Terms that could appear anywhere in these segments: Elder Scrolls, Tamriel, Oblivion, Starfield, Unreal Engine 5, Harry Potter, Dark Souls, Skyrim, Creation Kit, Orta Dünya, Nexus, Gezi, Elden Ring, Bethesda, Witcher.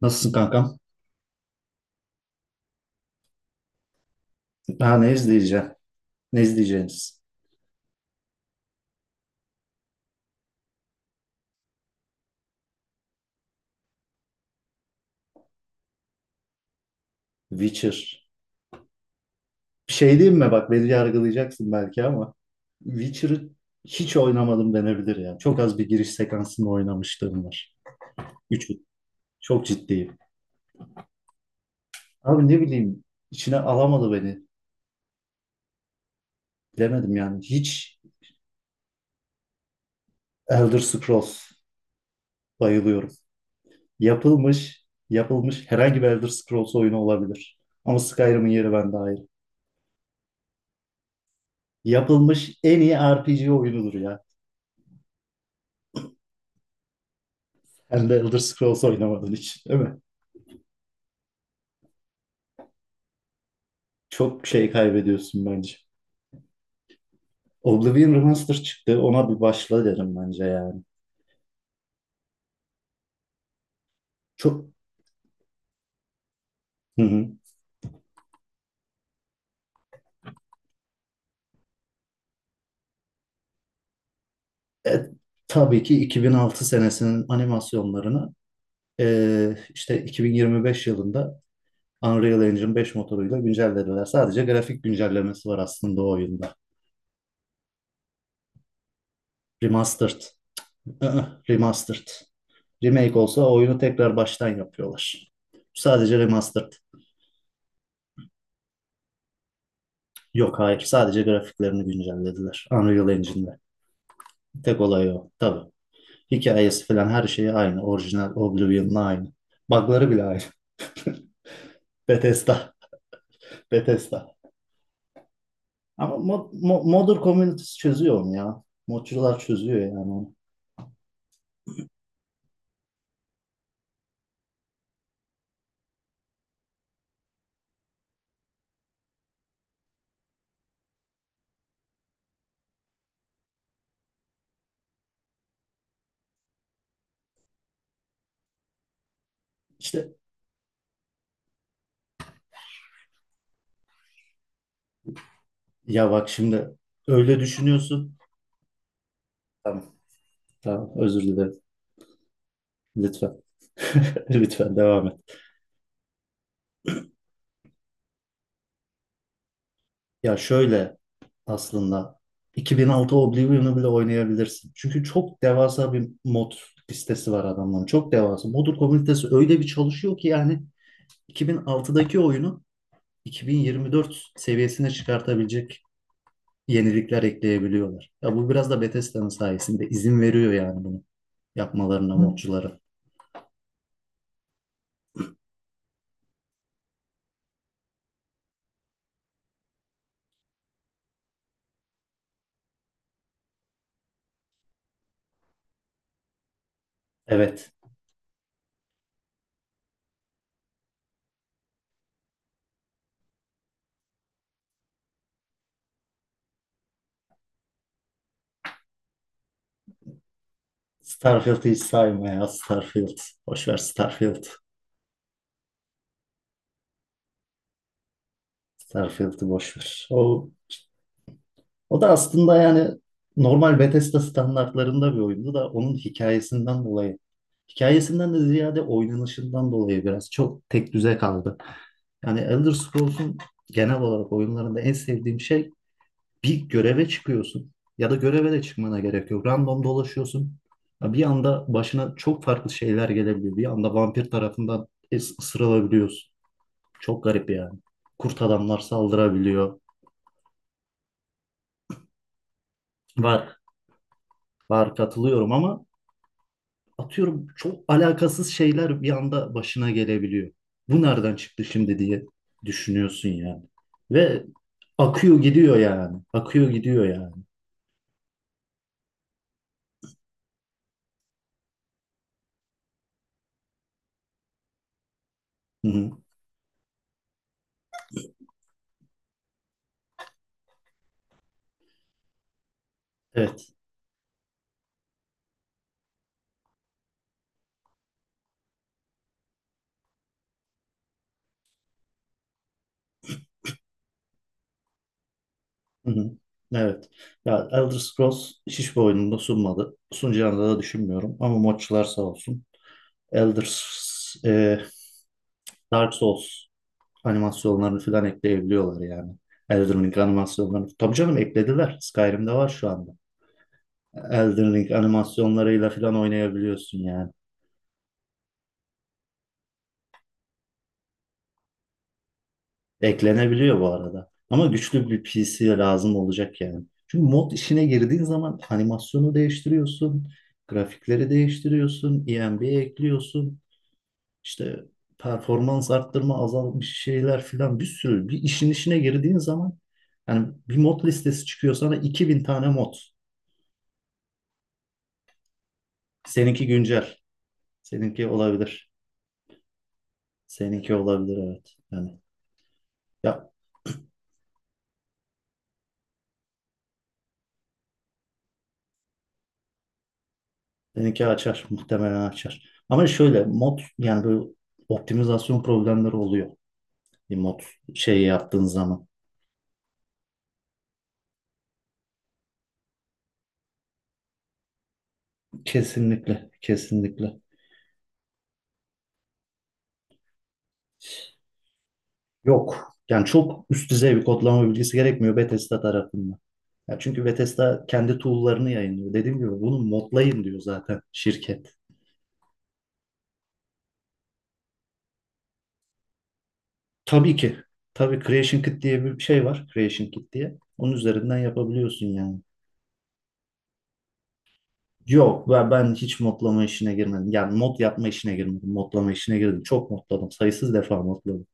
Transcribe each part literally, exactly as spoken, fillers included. Nasılsın kankam? Ha, ne izleyeceğim? Ne izleyeceğiniz? Witcher. Bir şey diyeyim mi? Bak, beni yargılayacaksın belki ama Witcher'ı hiç oynamadım denebilir ya. Çok az bir giriş sekansını oynamışlığım var. Üç. Çok ciddiyim. Abi ne bileyim, içine alamadı beni. Bilemedim yani. Hiç Elder Scrolls bayılıyorum. Yapılmış, yapılmış herhangi bir Elder Scrolls oyunu olabilir. Ama Skyrim'in yeri bende ayrı. Yapılmış en iyi R P G oyunudur ya. Hem de Elder Scrolls oynamadığın hiç, değil mi? Çok şey kaybediyorsun bence. Oblivion Remaster çıktı. Ona bir başla derim bence yani. Çok. Hı hı. E, tabii ki iki bin altı senesinin animasyonlarını e, işte iki bin yirmi beş yılında Unreal Engine beş motoruyla güncellediler. Sadece grafik güncellemesi var aslında o oyunda. Remastered. Hı-hı, Remastered. Remake olsa oyunu tekrar baştan yapıyorlar. Sadece remastered. Yok, hayır, sadece grafiklerini güncellediler Unreal Engine'de. Tek olay o tabii. Hikayesi falan, her şeyi aynı. Orijinal Oblivion'la aynı. Bug'ları bile aynı. Bethesda. Bethesda. Ama mod, mo- modder community'si çözüyor onu ya. Modcular çözüyor yani onu. İşte ya, bak şimdi öyle düşünüyorsun. Tamam. Tamam, özür dilerim. Lütfen. Lütfen devam et. Ya şöyle, aslında iki bin altı Oblivion'u bile oynayabilirsin. Çünkü çok devasa bir mod listesi var adamların. Çok devasa. Modur komünitesi öyle bir çalışıyor ki, yani iki bin altıdaki oyunu iki bin yirmi dört seviyesine çıkartabilecek yenilikler ekleyebiliyorlar. Ya bu biraz da Bethesda'nın sayesinde, izin veriyor yani bunu yapmalarına, Hı. modculara. Evet. Starfield'ı hiç sayma ya, Starfield. Boş ver Starfield. Starfield'ı boş ver. O O da aslında yani normal Bethesda standartlarında bir oyundu da, onun hikayesinden dolayı. Hikayesinden de ziyade oynanışından dolayı biraz çok tek düze kaldı. Yani Elder Scrolls'un genel olarak oyunlarında en sevdiğim şey, bir göreve çıkıyorsun ya da göreve de çıkmana gerek yok. Random dolaşıyorsun. Ya, bir anda başına çok farklı şeyler gelebiliyor. Bir anda vampir tarafından is- ısırılabiliyorsun. Çok garip yani. Kurt adamlar saldırabiliyor. Var, var, katılıyorum ama atıyorum, çok alakasız şeyler bir anda başına gelebiliyor. Bu nereden çıktı şimdi diye düşünüyorsun yani. Ve akıyor gidiyor yani. Akıyor gidiyor yani. Hı-hı. Evet. Hı-hı. Evet. Ya Elder Scrolls hiçbir oyununda sunmadı. Sunacağını da düşünmüyorum ama modçular sağ olsun. Elder S- e, Dark Souls animasyonlarını falan ekleyebiliyorlar yani. Elden Ring animasyonlarını. Tabii canım, eklediler. Skyrim'de var şu anda. Elden Ring animasyonlarıyla falan oynayabiliyorsun yani. Eklenebiliyor bu arada. Ama güçlü bir P C lazım olacak yani. Çünkü mod işine girdiğin zaman animasyonu değiştiriyorsun, grafikleri değiştiriyorsun, E M B ekliyorsun, işte performans arttırma azalmış şeyler filan, bir sürü. Bir işin işine girdiğin zaman yani bir mod listesi çıkıyor sana, iki bin tane mod. Seninki güncel. Seninki olabilir. Seninki olabilir, evet. Yani ya, Seninki açar. Muhtemelen açar. Ama şöyle mod, yani böyle optimizasyon problemleri oluyor. Bir mod şeyi yaptığın zaman. Kesinlikle. Kesinlikle. Yok. Yani çok üst düzey bir kodlama bilgisi gerekmiyor Bethesda tarafından. Ya çünkü Bethesda kendi tool'larını yayınlıyor. Dediğim gibi bunu modlayın diyor zaten şirket. Tabii ki. Tabii Creation Kit diye bir şey var. Creation Kit diye. Onun üzerinden yapabiliyorsun yani. Yok, ben, ben hiç modlama işine girmedim. Yani mod yapma işine girmedim. Modlama işine girdim. Çok modladım. Sayısız defa modladım.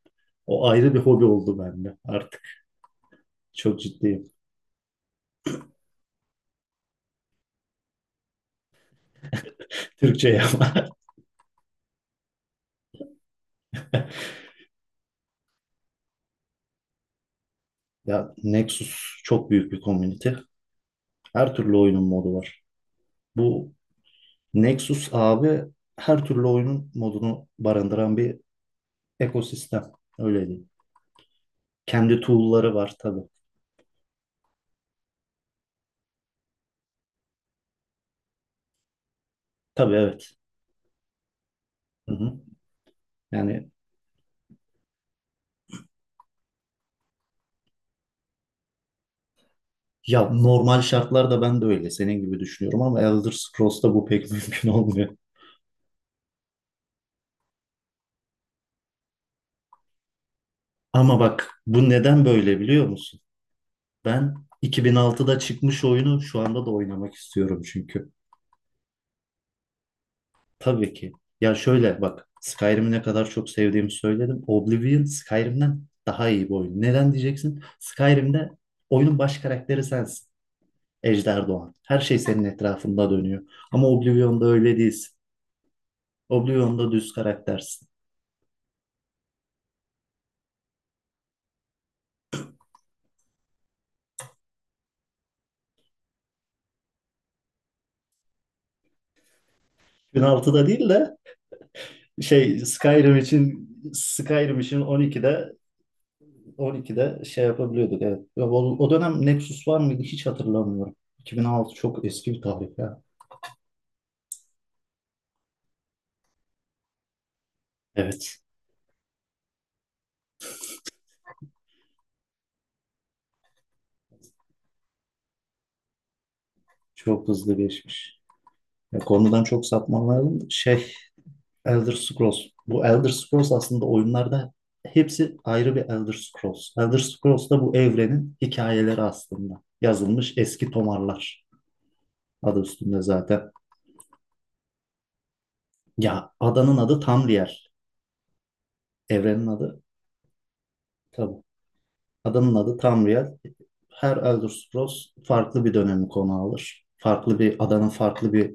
O ayrı bir hobi oldu bende artık. Çok ciddiyim. Türkçe yapma. Ya Nexus çok büyük bir komünite. Her türlü oyunun modu var. Bu Nexus abi, her türlü oyunun modunu barındıran bir ekosistem. Öyle diyeyim. Kendi tool'ları var tabii. Tabii, evet. Hı hı. Yani ya, normal şartlarda ben de öyle senin gibi düşünüyorum ama Elder Scrolls'ta bu pek mümkün olmuyor. Ama bak, bu neden böyle biliyor musun? Ben iki bin altıda çıkmış oyunu şu anda da oynamak istiyorum çünkü. Tabii ki. Ya şöyle bak, Skyrim'i ne kadar çok sevdiğimi söyledim. Oblivion Skyrim'den daha iyi bir oyun. Neden diyeceksin? Skyrim'de oyunun baş karakteri sensin. Ejder Doğan. Her şey senin etrafında dönüyor. Ama Oblivion'da öyle değilsin. Oblivion'da düz karaktersin. iki bin altıda değil de Şey Skyrim için Skyrim için on ikide on ikide şey yapabiliyorduk, evet. Ya O, o dönem Nexus var mıydı hiç hatırlamıyorum. iki bin altı çok eski bir tarih ya. Evet. Çok hızlı geçmiş. Ya, konudan çok sapmamayalım. Şey Elder Scrolls. Bu Elder Scrolls aslında oyunlarda hepsi ayrı bir Elder Scrolls. Elder Scrolls da bu evrenin hikayeleri aslında. Yazılmış eski tomarlar. Adı üstünde zaten. Ya adanın adı Tamriel. Evrenin adı tabii. Adamın adı Tamriel. Her Elder Scrolls farklı bir dönemi konu alır. Farklı bir adanın farklı bir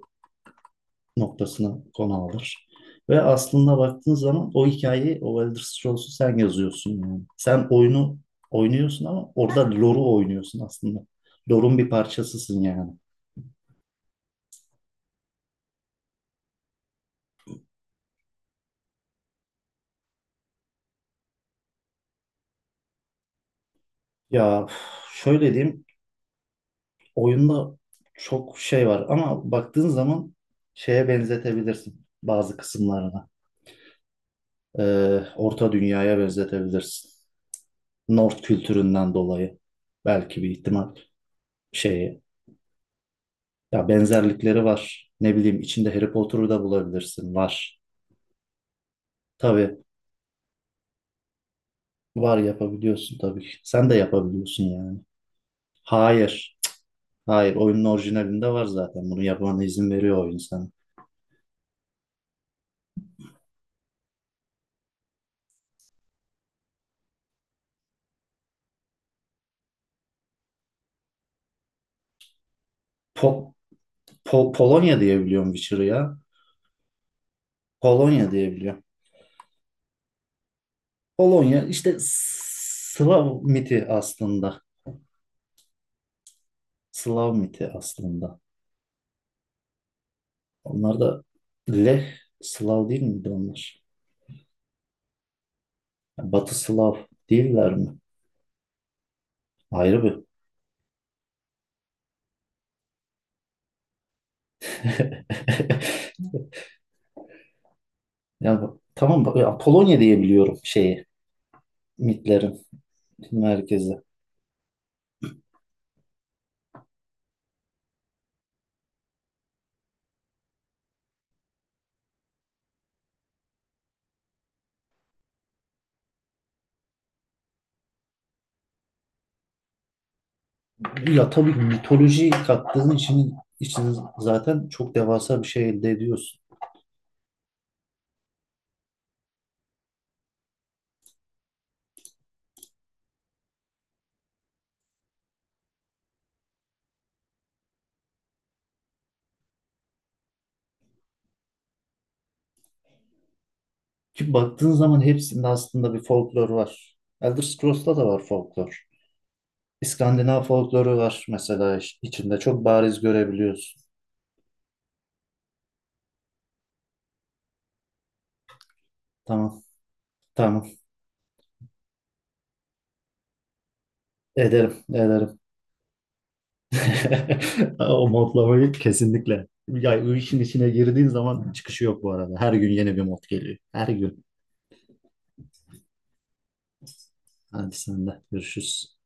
noktasını konu alır. Ve aslında baktığın zaman o hikayeyi, o Elder Scrolls'u sen yazıyorsun yani. Sen oyunu oynuyorsun ama orada lore'u oynuyorsun aslında. Lore'un bir parçasısın yani. Ya üf, şöyle diyeyim, oyunda çok şey var ama baktığın zaman şeye benzetebilirsin bazı kısımlarına. Ee, Orta Dünya'ya benzetebilirsin. North kültüründen dolayı, belki bir ihtimal şeyi. Ya benzerlikleri var. Ne bileyim, içinde Harry Potter'ı da bulabilirsin. Var. Tabii var, yapabiliyorsun tabii ki. Sen de yapabiliyorsun yani. Hayır. Hayır, oyunun orijinalinde var zaten. Bunu yapmana izin veriyor oyun sana. Po Po- Polonya diyebiliyorum Witcher'ı ya. Polonya diyebiliyorum. Polonya işte Slav miti aslında. Slav miti aslında. Onlar da Leh, Slav değil miydi onlar? Batı Slav değiller mi? Ayrı bir. Ya bu- tamam bak, ya Polonya diye biliyorum şeyi, mitlerin merkezi. Ya tabii, mitoloji kattığın için için zaten çok devasa bir şey elde ediyorsun. Ki baktığın zaman hepsinde aslında bir folklor var. Elder Scrolls'ta da var folklor. İskandinav folkloru var mesela, iç- içinde çok bariz görebiliyorsun. Tamam, tamam. Ederim, ederim. O modlamayı kesinlikle. Ya o işin içine girdiğin zaman çıkışı yok bu arada. Her gün yeni bir mod geliyor. Her gün. Hadi, sen de, görüşürüz.